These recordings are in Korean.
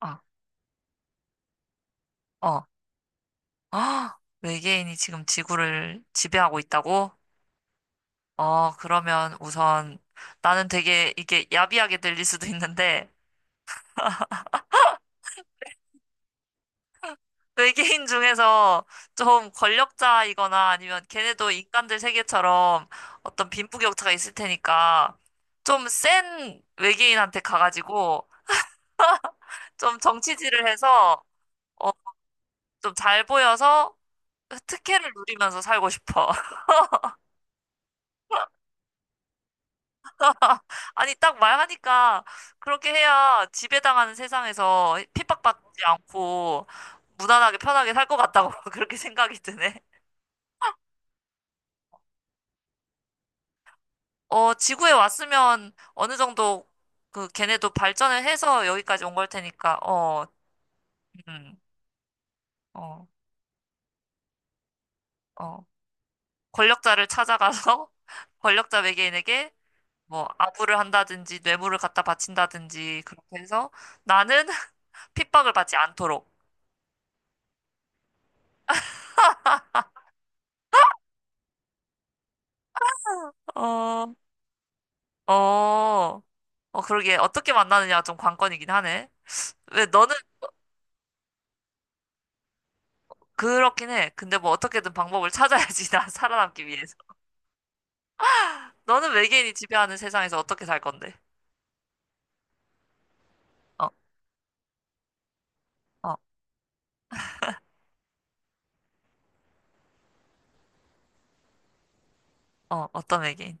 아, 어. 아, 외계인이 지금 지구를 지배하고 있다고? 어, 그러면 우선 나는 되게 이게 야비하게 들릴 수도 있는데 외계인 중에서 좀 권력자이거나 아니면 걔네도 인간들 세계처럼 어떤 빈부격차가 있을 테니까 좀 센 외계인한테 가가지고 좀 정치질을 해서 어, 좀 잘 보여서 특혜를 누리면서 살고 싶어. 아니, 딱 말하니까 그렇게 해야 지배당하는 세상에서 핍박받지 않고 무난하게 편하게 살 것 같다고 그렇게 생각이 드네. 어, 지구에 왔으면 어느 정도 그 걔네도 발전을 해서 여기까지 온 걸 테니까, 어, 음, 어, 어. 권력자를 찾아가서 권력자 외계인에게 뭐 아부를 한다든지 뇌물을 갖다 바친다든지 그렇게 해서 나는 핍박을 받지 않도록. 어, 어, 어, 그러게. 어떻게 만나느냐가 좀 관건이긴 하네. 왜 너는 그렇긴 해. 근데 뭐 어떻게든 방법을 찾아야지, 나 살아남기 위해서. 너는 외계인이 지배하는 세상에서 어떻게 살 건데? 어, 어, 어, 어떤 외계인?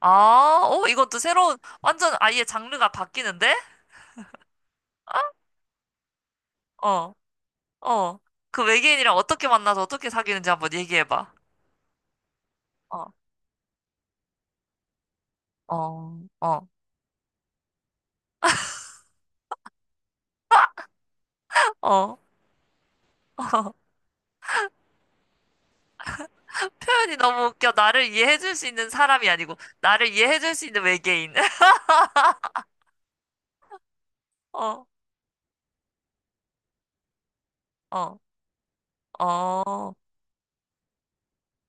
아, 어 이건 또 새로운, 완전 아예 장르가 바뀌는데? 아, 어, 어. 그 외계인이랑 어떻게 만나서 어떻게 사귀는지 한번 얘기해봐. 어, 어, 어, 어. 표현이 너무 웃겨. 나를 이해해줄 수 있는 사람이 아니고, 나를 이해해줄 수 있는 외계인. 어. 어, 어,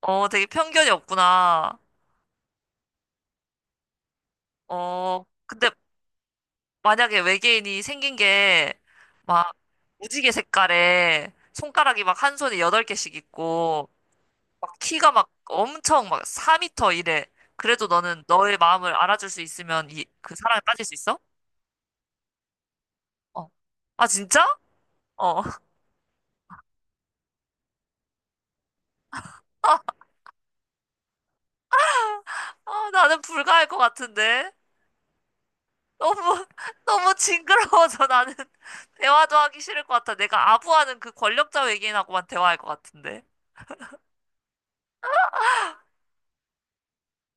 어, 되게 편견이 없구나. 어, 근데 만약에 외계인이 생긴 게 막 무지개 색깔에 손가락이 막 한 손에 여덟 개씩 있고 막 키가 막 엄청 막 4미터 이래. 그래도 너는 너의 마음을 알아줄 수 있으면 이, 그 사랑에 빠질 수 있어? 어. 아, 진짜? 어. 아, 나는 불가할 것 같은데. 너무, 너무 징그러워서 나는 대화도 하기 싫을 것 같아. 내가 아부하는 그 권력자 외계인하고만 대화할 것 같은데.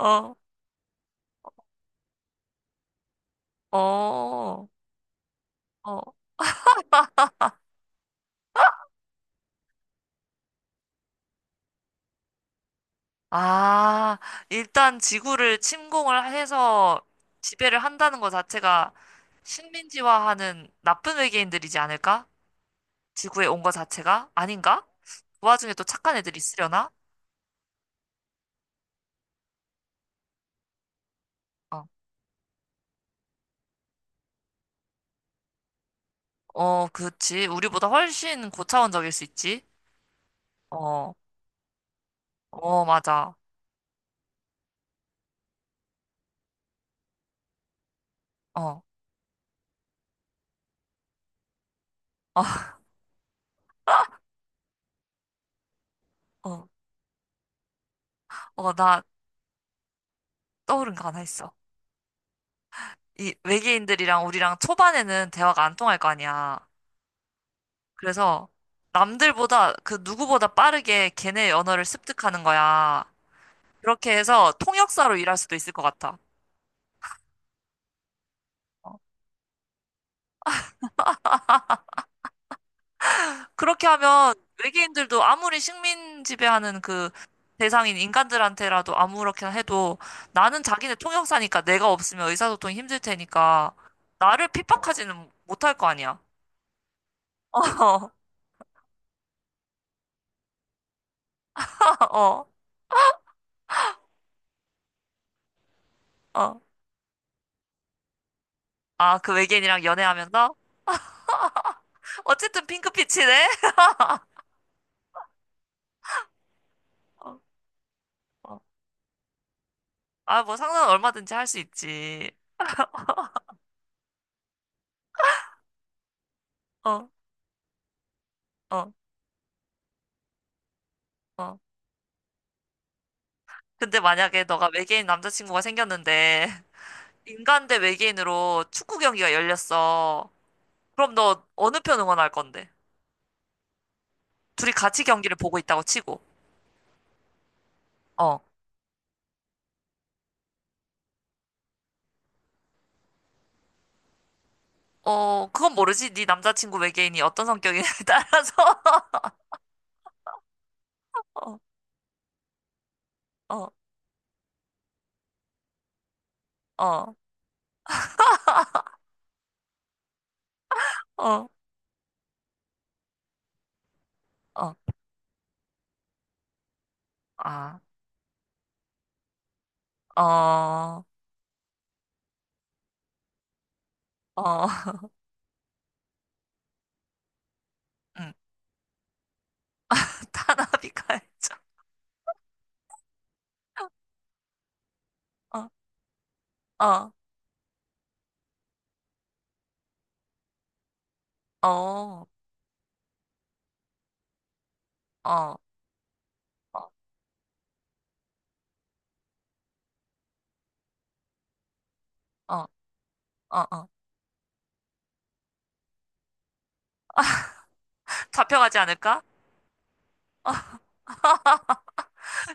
어, 어, 어. 아, 일단 지구를 침공을 해서 지배를 한다는 것 자체가 식민지화하는 나쁜 외계인들이지 않을까? 지구에 온 것 자체가? 아닌가? 그 와중에 또 착한 애들이 있으려나? 어, 어, 그렇지. 우리보다 훨씬 고차원적일 수 있지. 어, 어, 맞아. 어. 어. 어, 나 떠오른 거 하나 있어. 이 외계인들이랑 우리랑 초반에는 대화가 안 통할 거 아니야. 그래서 남들보다 그 누구보다 빠르게 걔네 언어를 습득하는 거야. 그렇게 해서 통역사로 일할 수도 있을 것 같아. 어. 그렇게 하면 외계인들도 아무리 식민 지배하는 그 대상인 인간들한테라도 아무렇게나 해도 나는 자기네 통역사니까 내가 없으면 의사소통이 힘들 테니까 나를 핍박하지는 못할 거 아니야. 어, 어, 어. 아, 그 외계인이랑 연애하면서? 어쨌든 핑크빛이네? 어, 어. 아, 뭐 상상은 얼마든지 할 수 있지. 어, 어, 어. 근데 만약에 너가 외계인 남자친구가 생겼는데, 인간 대 외계인으로 축구 경기가 열렸어. 그럼 너 어느 편 응원할 건데? 둘이 같이 경기를 보고 있다고 치고. 어, 어, 그건 모르지. 네 남자친구 외계인이 어떤 성격이냐에 따라서. 어, 어, 어, 어, 어. 아, 어, 어. 응, 타나비가 어, 어, 어, 어, 어, 어, 어. 어. 잡혀가지 않을까?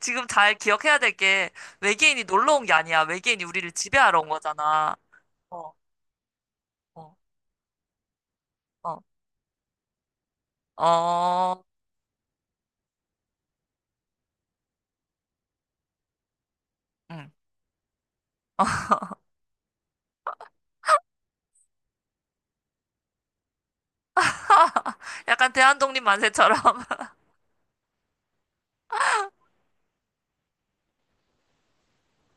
지금 잘 기억해야 될 게 외계인이 놀러 온 게 아니야. 외계인이 우리를 지배하러 온 거잖아. 어, 어, 어, 어, 응. 약간 대한독립 만세처럼.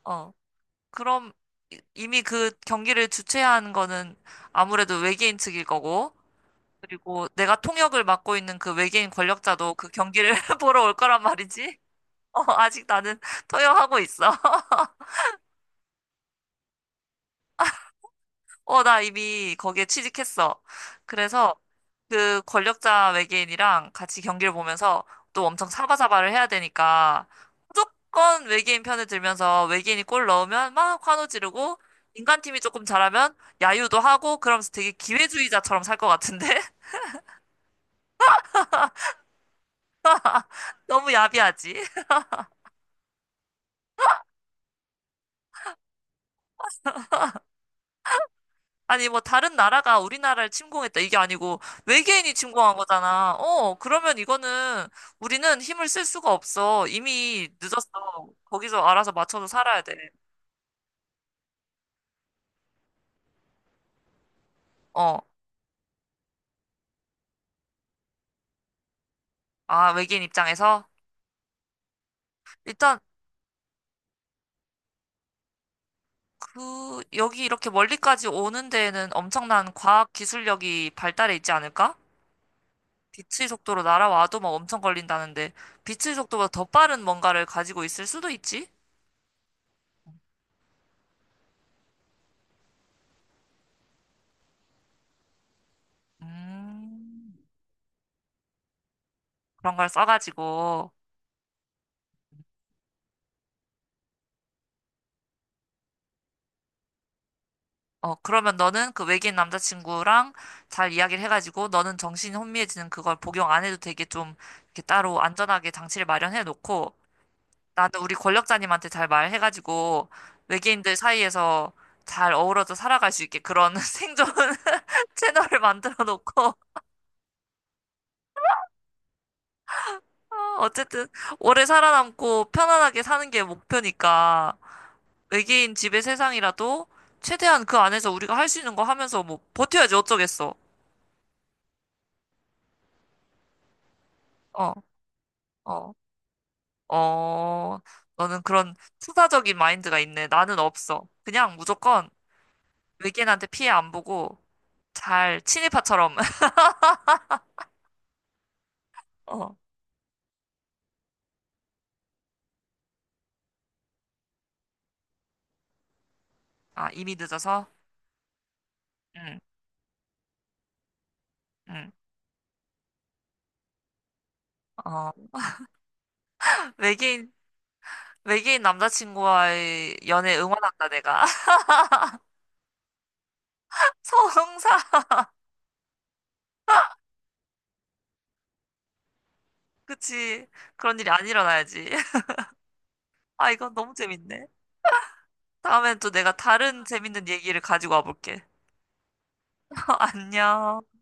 어, 그럼 이미 그 경기를 주최한 거는 아무래도 외계인 측일 거고, 그리고 내가 통역을 맡고 있는 그 외계인 권력자도 그 경기를 보러 올 거란 말이지. 어, 아직 나는 통역하고 있어. 어, 나 이미 거기에 취직했어. 그래서 그 권력자 외계인이랑 같이 경기를 보면서 또 엄청 사바사바를 해야 되니까 무조건 외계인 편에 들면서 외계인이 골 넣으면 막 환호 지르고 인간팀이 조금 잘하면 야유도 하고 그러면서 되게 기회주의자처럼 살 것 같은데? 너무 야비하지? 아니, 뭐, 다른 나라가 우리나라를 침공했다. 이게 아니고, 외계인이 침공한 거잖아. 어, 그러면 이거는, 우리는 힘을 쓸 수가 없어. 이미 늦었어. 거기서 알아서 맞춰서 살아야 돼. 어. 아, 외계인 입장에서? 일단, 그, 여기 이렇게 멀리까지 오는 데에는 엄청난 과학 기술력이 발달해 있지 않을까? 빛의 속도로 날아와도 막 엄청 걸린다는데, 빛의 속도보다 더 빠른 뭔가를 가지고 있을 수도 있지? 음, 그런 걸 써가지고. 어, 그러면 너는 그 외계인 남자친구랑 잘 이야기를 해가지고 너는 정신이 혼미해지는 그걸 복용 안 해도 되게 좀 이렇게 따로 안전하게 장치를 마련해 놓고 나는 우리 권력자님한테 잘 말해가지고 외계인들 사이에서 잘 어우러져 살아갈 수 있게 그런 생존 채널을 만들어 놓고 어, 어쨌든 오래 살아남고 편안하게 사는 게 목표니까 외계인 지배 세상이라도 최대한 그 안에서 우리가 할 수 있는 거 하면서 뭐 버텨야지 어쩌겠어. 어, 어. 어, 너는 그런 투사적인 마인드가 있네. 나는 없어. 그냥 무조건 외계인한테 피해 안 보고 잘 친일파처럼. 어. 아, 이미 늦어서? 응, 응. 어. 외계인, 외계인 남자친구와의 연애 응원한다, 내가. 성사! 그치. 그런 일이 안 일어나야지. 아, 이건 너무 재밌네. 다음엔 또 내가 다른 재밌는 얘기를 가지고 와볼게. 안녕.